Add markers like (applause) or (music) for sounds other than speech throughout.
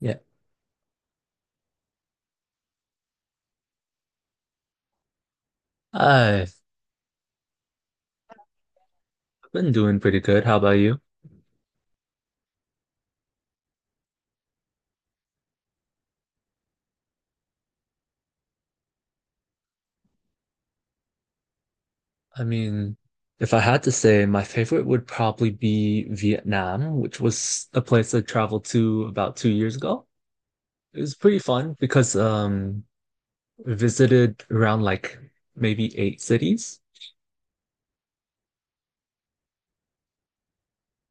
Yeah, I've been doing pretty good. How about you? I mean, if I had to say, my favorite would probably be Vietnam, which was a place I traveled to about 2 years ago. It was pretty fun because we visited around maybe eight cities.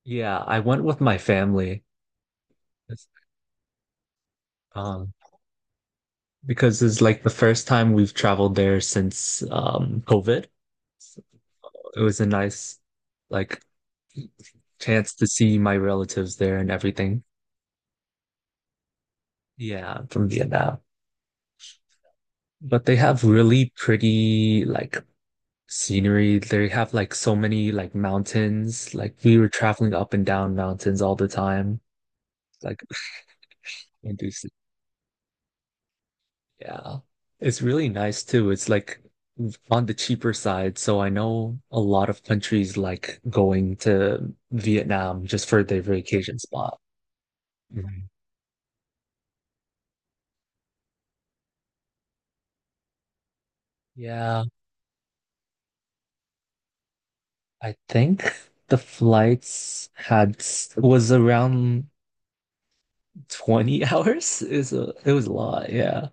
Yeah, I went with my family. Um, because it's like the first time we've traveled there since COVID. So it was a nice like chance to see my relatives there and everything. Yeah, I'm from Vietnam. But they have really pretty scenery. They have like so many like mountains. Like we were traveling up and down mountains all the time. Like (laughs) induced. Yeah. It's really nice too. It's like on the cheaper side. So I know a lot of countries like going to Vietnam just for their vacation spot. Mhm. Yeah, I think the flights had s- was around 20 (laughs) hours is a it was a lot, yeah.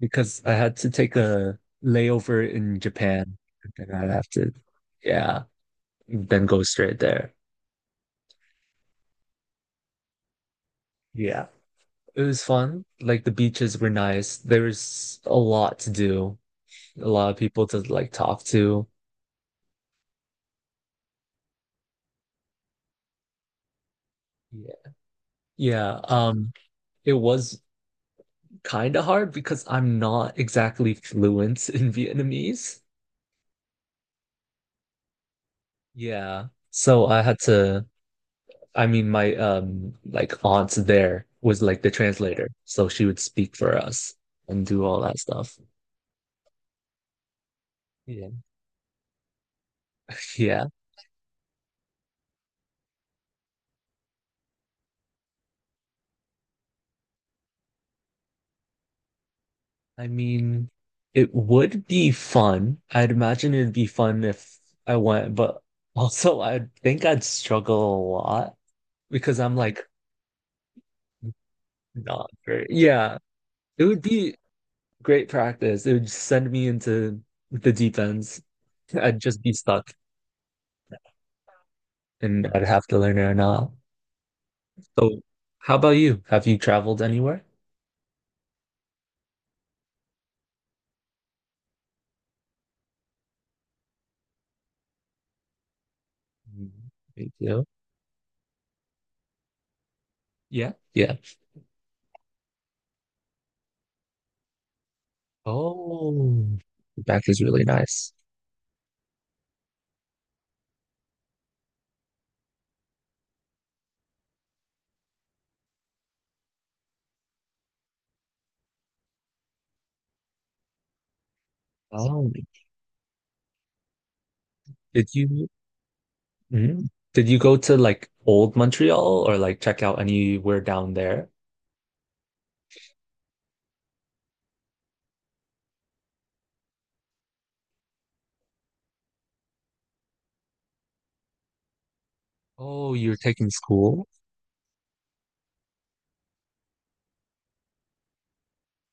Because I had to take a layover in Japan and then I'd have to yeah, then go straight there. Yeah. It was fun. Like the beaches were nice. There was a lot to do, a lot of people to like talk to. Yeah. Yeah, it was kind of hard because I'm not exactly fluent (laughs) in Vietnamese. Yeah. So I had to I mean, my like aunt there was like the translator, so she would speak for us and do all that stuff. Yeah. Yeah. I mean, it would be fun. I'd imagine it'd be fun if I went, but also I think I'd struggle a lot because I'm like not very. Yeah. It would be great practice. It would send me into the deep ends. I'd just be stuck and I'd have to learn it or not. So, how about you? Have you traveled anywhere? Mm, thank you. Yeah. Yeah. Oh, back is really nice. Oh, did you mhm. Did you go to like old Montreal or like check out anywhere down there? Oh, you're taking school?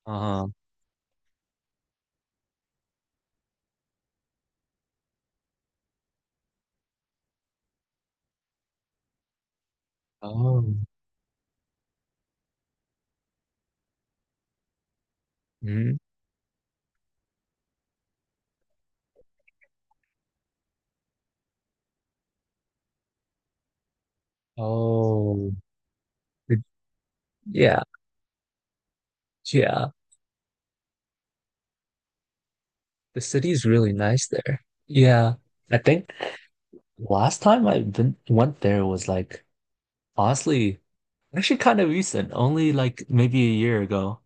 Uh-huh. Oh. Mhm. Oh. Did- yeah. Yeah. The city's really nice there. Yeah. I think last time I been, went there was like honestly, actually kind of recent, only like maybe a year ago.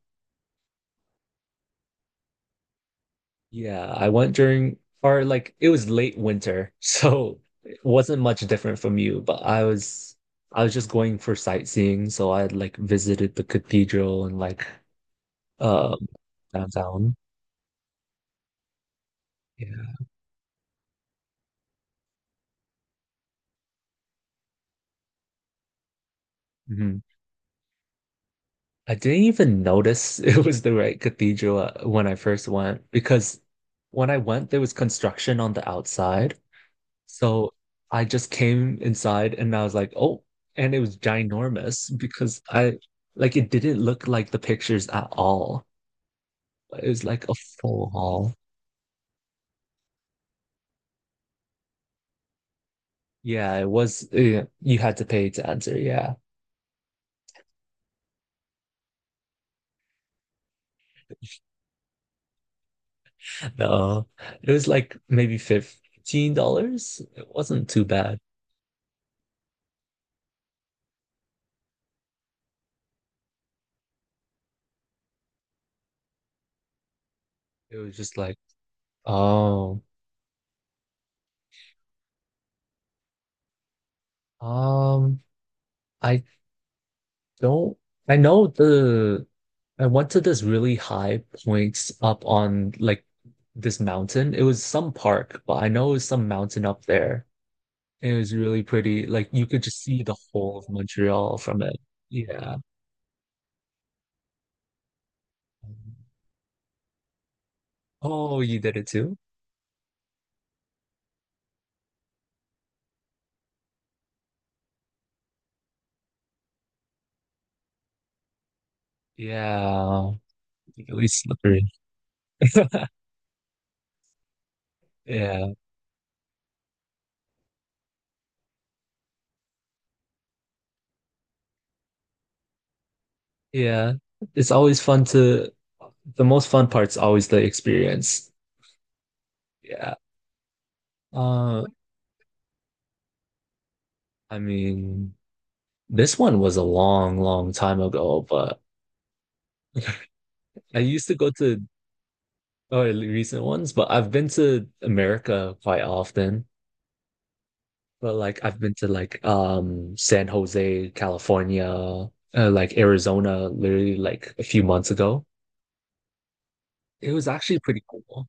Yeah, I went during, or like it was late winter, (laughs) so it wasn't much different from you, but I was just going for sightseeing, so I like visited the cathedral and like um downtown. Yeah. Hmm. I didn't even notice (laughs) it was the right cathedral when I first went, because when I went there was construction on the outside. So I just came inside and I was like, oh, and it was ginormous because I like it didn't look like the pictures at all. It was like a full hall. Yeah, it was. Yeah, you had to pay to enter. Yeah. No, it was like maybe $15. It wasn't too bad. It was just like, oh, um, I Don't I know the I went to this really high point up on like this mountain. It was some park, but I know it was some mountain up there. It was really pretty. Like you could just see the whole of Montreal from it. Yeah. Oh, you did it too? Yeah. Really slippery. (laughs) Yeah. Yeah. It's always fun to the most fun part's always the experience. Yeah. Uh, I mean, this one was a long, long time ago, but I used to go to or recent ones, but I've been to America quite often. But like I've been to like San Jose, California, like Arizona, literally like a few months ago. It was actually pretty cool.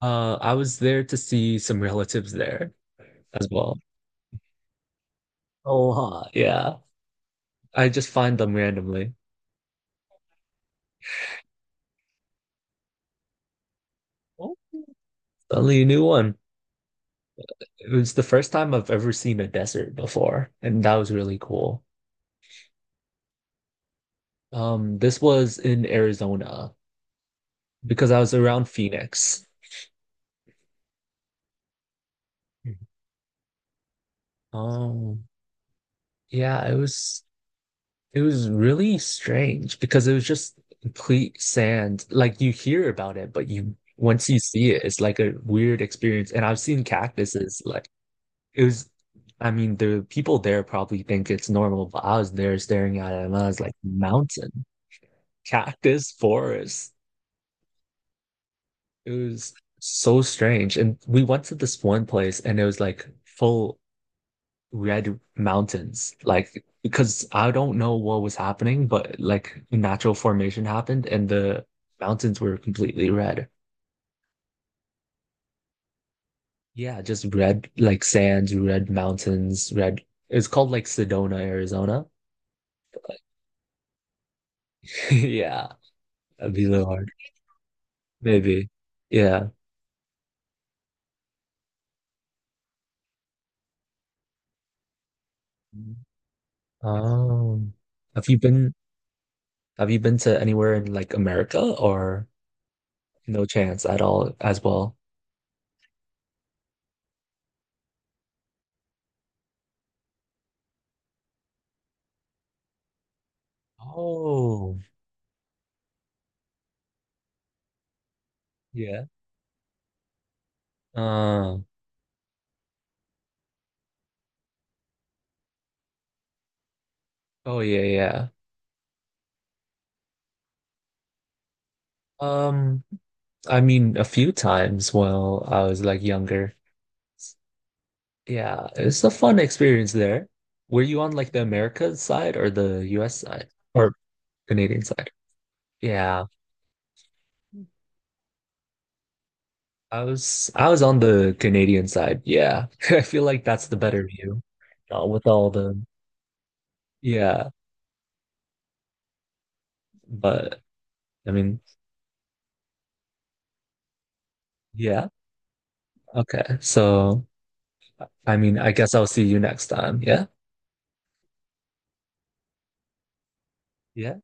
I was there to see some relatives there as well. Oh, huh, yeah. I just find them randomly. Oh, suddenly a new one. It was the first time I've ever seen a desert before, and that was really cool. This was in Arizona because I was around Phoenix. Mhm. Um, yeah, it was really strange because it was just complete sand. Like you hear about it, but you once you see it, it's like a weird experience. And I've seen cactuses like it was I mean, the people there probably think it's normal, but I was there staring at it and I was like, mountain, cactus, forest. It was so strange. And we went to this one place and it was like full red mountains, like because I don't know what was happening, but like natural formation happened and the mountains were completely red. Yeah, just red, like sands red, mountains red. It's called like Sedona, Arizona. (laughs) Yeah, that'd be the hard maybe. Yeah. Oh, have you been have you been to anywhere in like America or no chance at all as well? Oh yeah. uh oh yeah, yeah. Um, I mean, a few times while I was like younger. Yeah, it's a fun experience there. Were you on like the Americas side or the US side or Canadian side? Yeah, I was on the Canadian side. Yeah. (laughs) I feel like that's the better view. With all the yeah, but I mean, yeah. Okay. So, I mean, I guess I'll see you next time. Yeah. Yeah.